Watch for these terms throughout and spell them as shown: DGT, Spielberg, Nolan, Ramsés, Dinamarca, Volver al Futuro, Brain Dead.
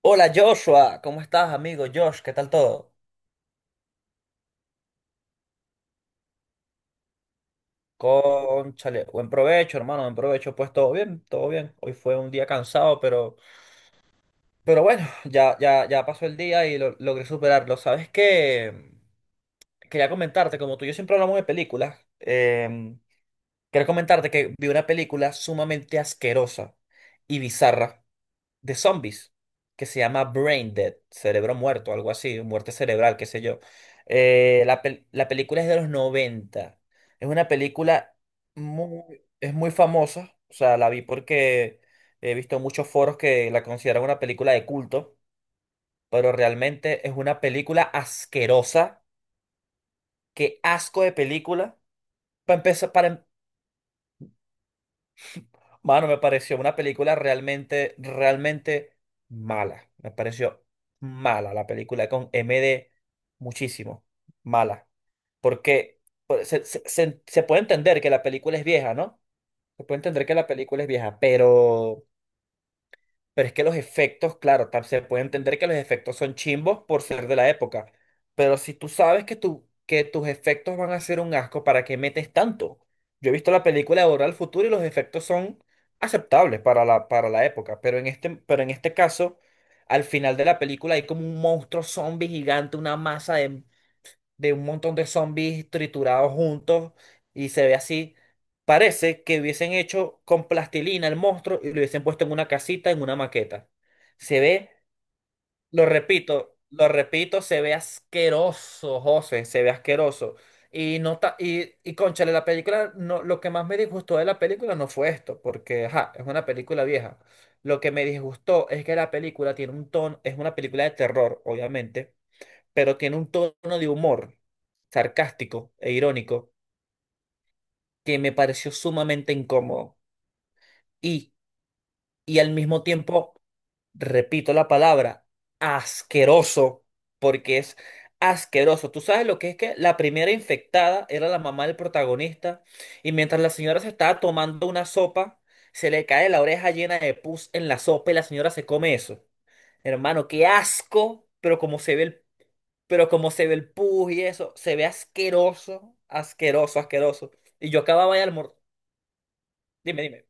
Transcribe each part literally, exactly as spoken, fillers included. Hola Joshua, ¿cómo estás, amigo Josh? ¿Qué tal todo? Cónchale, buen provecho, hermano, buen provecho. Pues todo bien, todo bien. Hoy fue un día cansado, pero, pero bueno, ya, ya, ya pasó el día y lo, logré superarlo. ¿Sabes qué? Quería comentarte, como tú y yo siempre hablamos de películas, em, quería comentarte que vi una película sumamente asquerosa y bizarra. De zombies que se llama Brain Dead, cerebro muerto, algo así, muerte cerebral, qué sé yo. Eh, la, pel- la película es de los noventa. Es una película muy, es muy famosa. O sea, la vi porque he visto muchos foros que la consideran una película de culto, pero realmente es una película asquerosa. Qué asco de película. Para Mano, me pareció una película realmente, realmente mala. Me pareció mala la película con M eme de muchísimo. Mala. Porque pues, se, se- se- se puede entender que la película es vieja, ¿no? Se puede entender que la película es vieja, pero pero es que los efectos, claro, tal- se puede entender que los efectos son chimbos por ser de la época. Pero si tú sabes que, tu, que tus efectos van a ser un asco, ¿para qué metes tanto? Yo he visto la película de Volver al Futuro y los efectos son aceptables para la, para la época. Pero en este, pero en este caso, al final de la película hay como un monstruo zombie gigante, una masa de de un montón de zombies triturados juntos y se ve así. Parece que hubiesen hecho con plastilina el monstruo y lo hubiesen puesto en una casita, en una maqueta. Se ve, lo repito, lo repito, se ve asqueroso, José, se ve asqueroso. Y no ta- y, y cónchale, la película, no, lo que más me disgustó de la película no fue esto, porque ajá, es una película vieja. Lo que me disgustó es que la película tiene un tono, es una película de terror, obviamente, pero tiene un tono de humor sarcástico e irónico que me pareció sumamente incómodo y, y al mismo tiempo, repito la palabra, asqueroso, porque es asqueroso. Tú sabes lo que es que la primera infectada era la mamá del protagonista y mientras la señora se estaba tomando una sopa, se le cae la oreja llena de pus en la sopa y la señora se come eso. Hermano, qué asco, pero como se ve el pero como se ve el pus y eso, se ve asqueroso, asqueroso, asqueroso. Y yo acababa de almorzar. Dime, dime,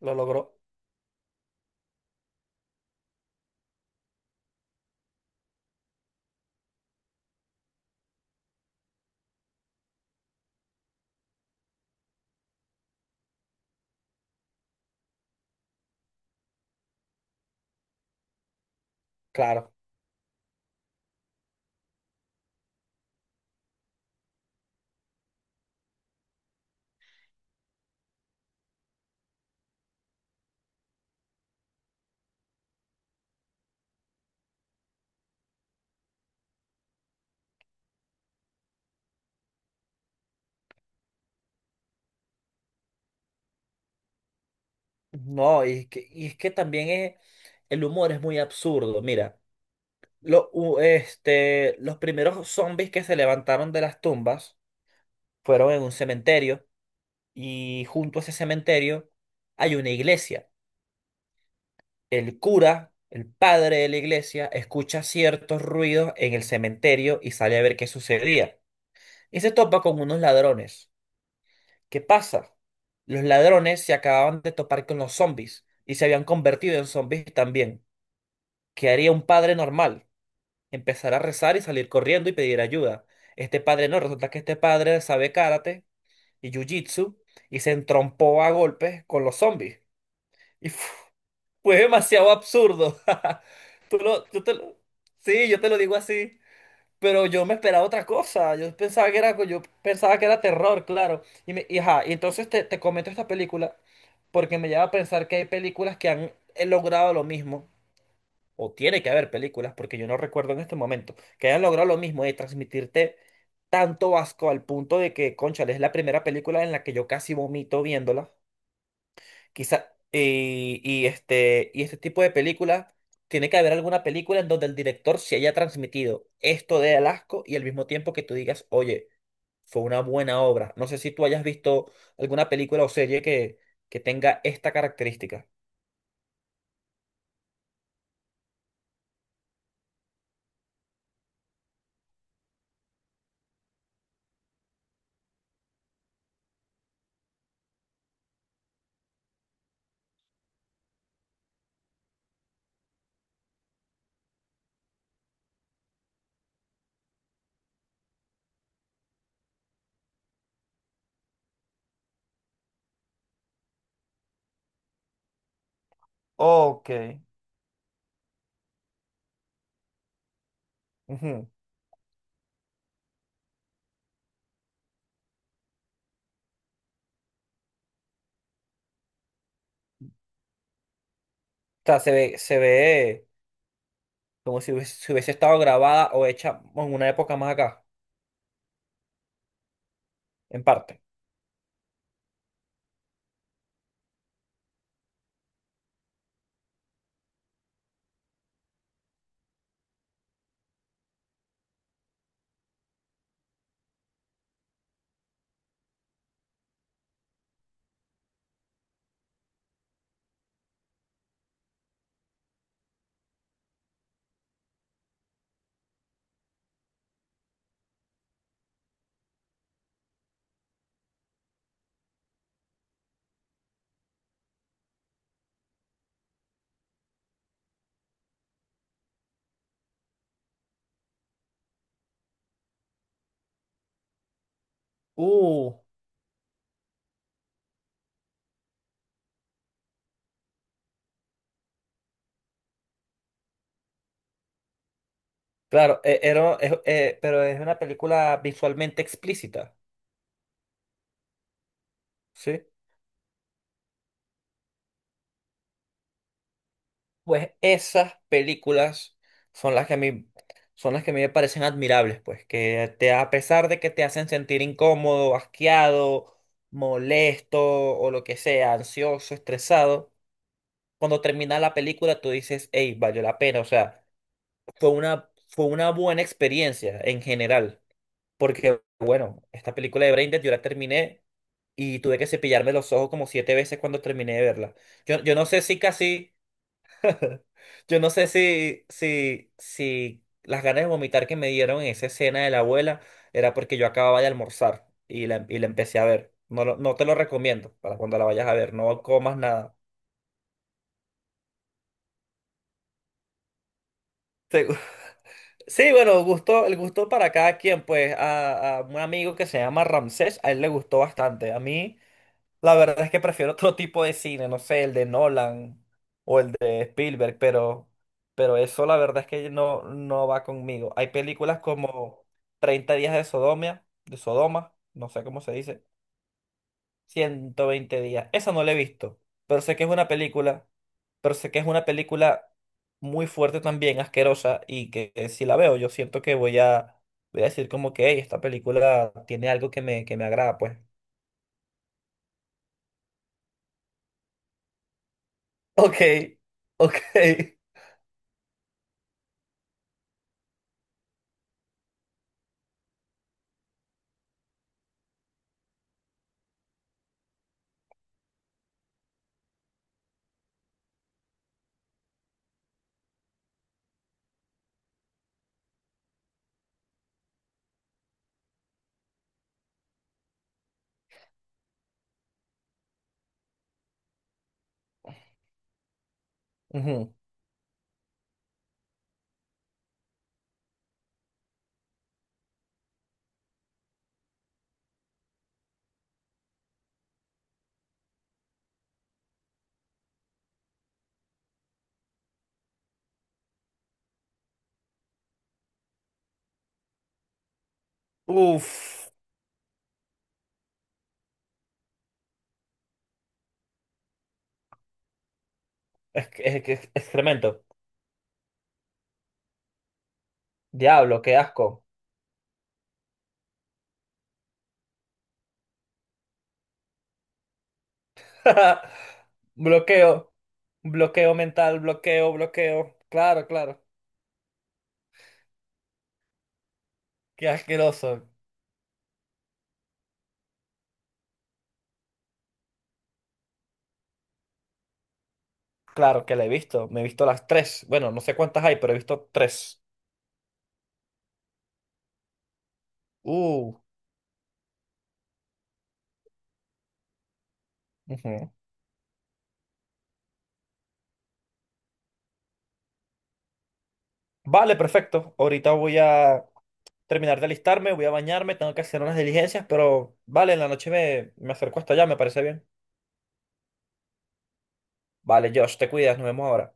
lo logró. Claro. No, y es que, y es que también es, el humor es muy absurdo. Mira, lo, u- este, los primeros zombies que se levantaron de las tumbas fueron en un cementerio y junto a ese cementerio hay una iglesia. El cura, el padre de la iglesia, escucha ciertos ruidos en el cementerio y sale a ver qué sucedía. Y se topa con unos ladrones. ¿Qué pasa? Los ladrones se acababan de topar con los zombies y se habían convertido en zombies también. ¿Qué haría un padre normal? Empezar a rezar y salir corriendo y pedir ayuda. Este padre no, resulta que este padre sabe karate y jiu-jitsu y se entrompó a golpes con los zombies. Y fu- fue demasiado absurdo. Tú lo- tú te lo- Sí, yo te lo digo así. Pero yo me esperaba otra cosa. Yo pensaba que era, co- yo pensaba que era terror, claro. Y, me, y, ajá, y entonces te, te comento esta película porque me lleva a pensar que hay películas que han eh, logrado lo mismo. O tiene que haber películas, porque yo no recuerdo en este momento, que hayan logrado lo mismo de transmitirte tanto asco al punto de que, cónchale, es la primera película en la que yo casi vomito viéndola. Quizá, y, y este, y este tipo de película, tiene que haber alguna película en donde el director se haya transmitido esto de Alasco y al mismo tiempo que tú digas, oye, fue una buena obra. No sé si tú hayas visto alguna película o serie que, que tenga esta característica. Ok. Ujú. O sea, se ve, se ve como si hubiese, si hubiese estado grabada o hecha en una época más acá, en parte. Uh. Claro, e- era- es- eh, pero es una película visualmente explícita, ¿sí? Pues esas películas son las que a mí, son las que a mí me parecen admirables, pues, que te, a pesar de que te hacen sentir incómodo, asqueado, molesto o lo que sea, ansioso, estresado, cuando termina la película tú dices, hey, valió la pena, o sea, fue una, fue una buena experiencia en general, porque, bueno, esta película de Braindead yo la terminé y tuve que cepillarme los ojos como siete veces cuando terminé de verla. Yo, yo no sé si casi... Yo no sé si, si, si las ganas de vomitar que me dieron en esa escena de la abuela era porque yo acababa de almorzar y la, y la empecé a ver. No, lo- no te lo recomiendo para cuando la vayas a ver, no comas nada. Segu- Sí, bueno, gusto, el gusto para cada quien, pues a, a un amigo que se llama Ramsés, a él le gustó bastante. A mí la verdad es que prefiero otro tipo de cine, no sé, el de Nolan o el de Spielberg, pero, pero eso la verdad es que no, no va conmigo. Hay películas como treinta días de Sodomia, de Sodoma, no sé cómo se dice, ciento veinte días. Esa no la he visto, pero sé que es una película, pero sé que es una película muy fuerte también, asquerosa, y que, que si la veo yo siento que voy a, voy a decir como que "Ey, esta película tiene algo que me, que me agrada, pues". Ok, ok. Ujú. Uf, es, que- es, que- es excremento. Diablo, qué asco. Bloqueo, bloqueo mental, bloqueo, bloqueo. Claro, claro. Qué asqueroso. Claro que la he visto. Me he visto las tres. Bueno, no sé cuántas hay, pero he visto tres. Uh, ujú. Vale, perfecto. Ahorita voy a terminar de alistarme, voy a bañarme, tengo que hacer unas diligencias, pero vale, en la noche me, me acerco hasta allá, me parece bien. Vale, Josh, te cuidas, nos vemos ahora.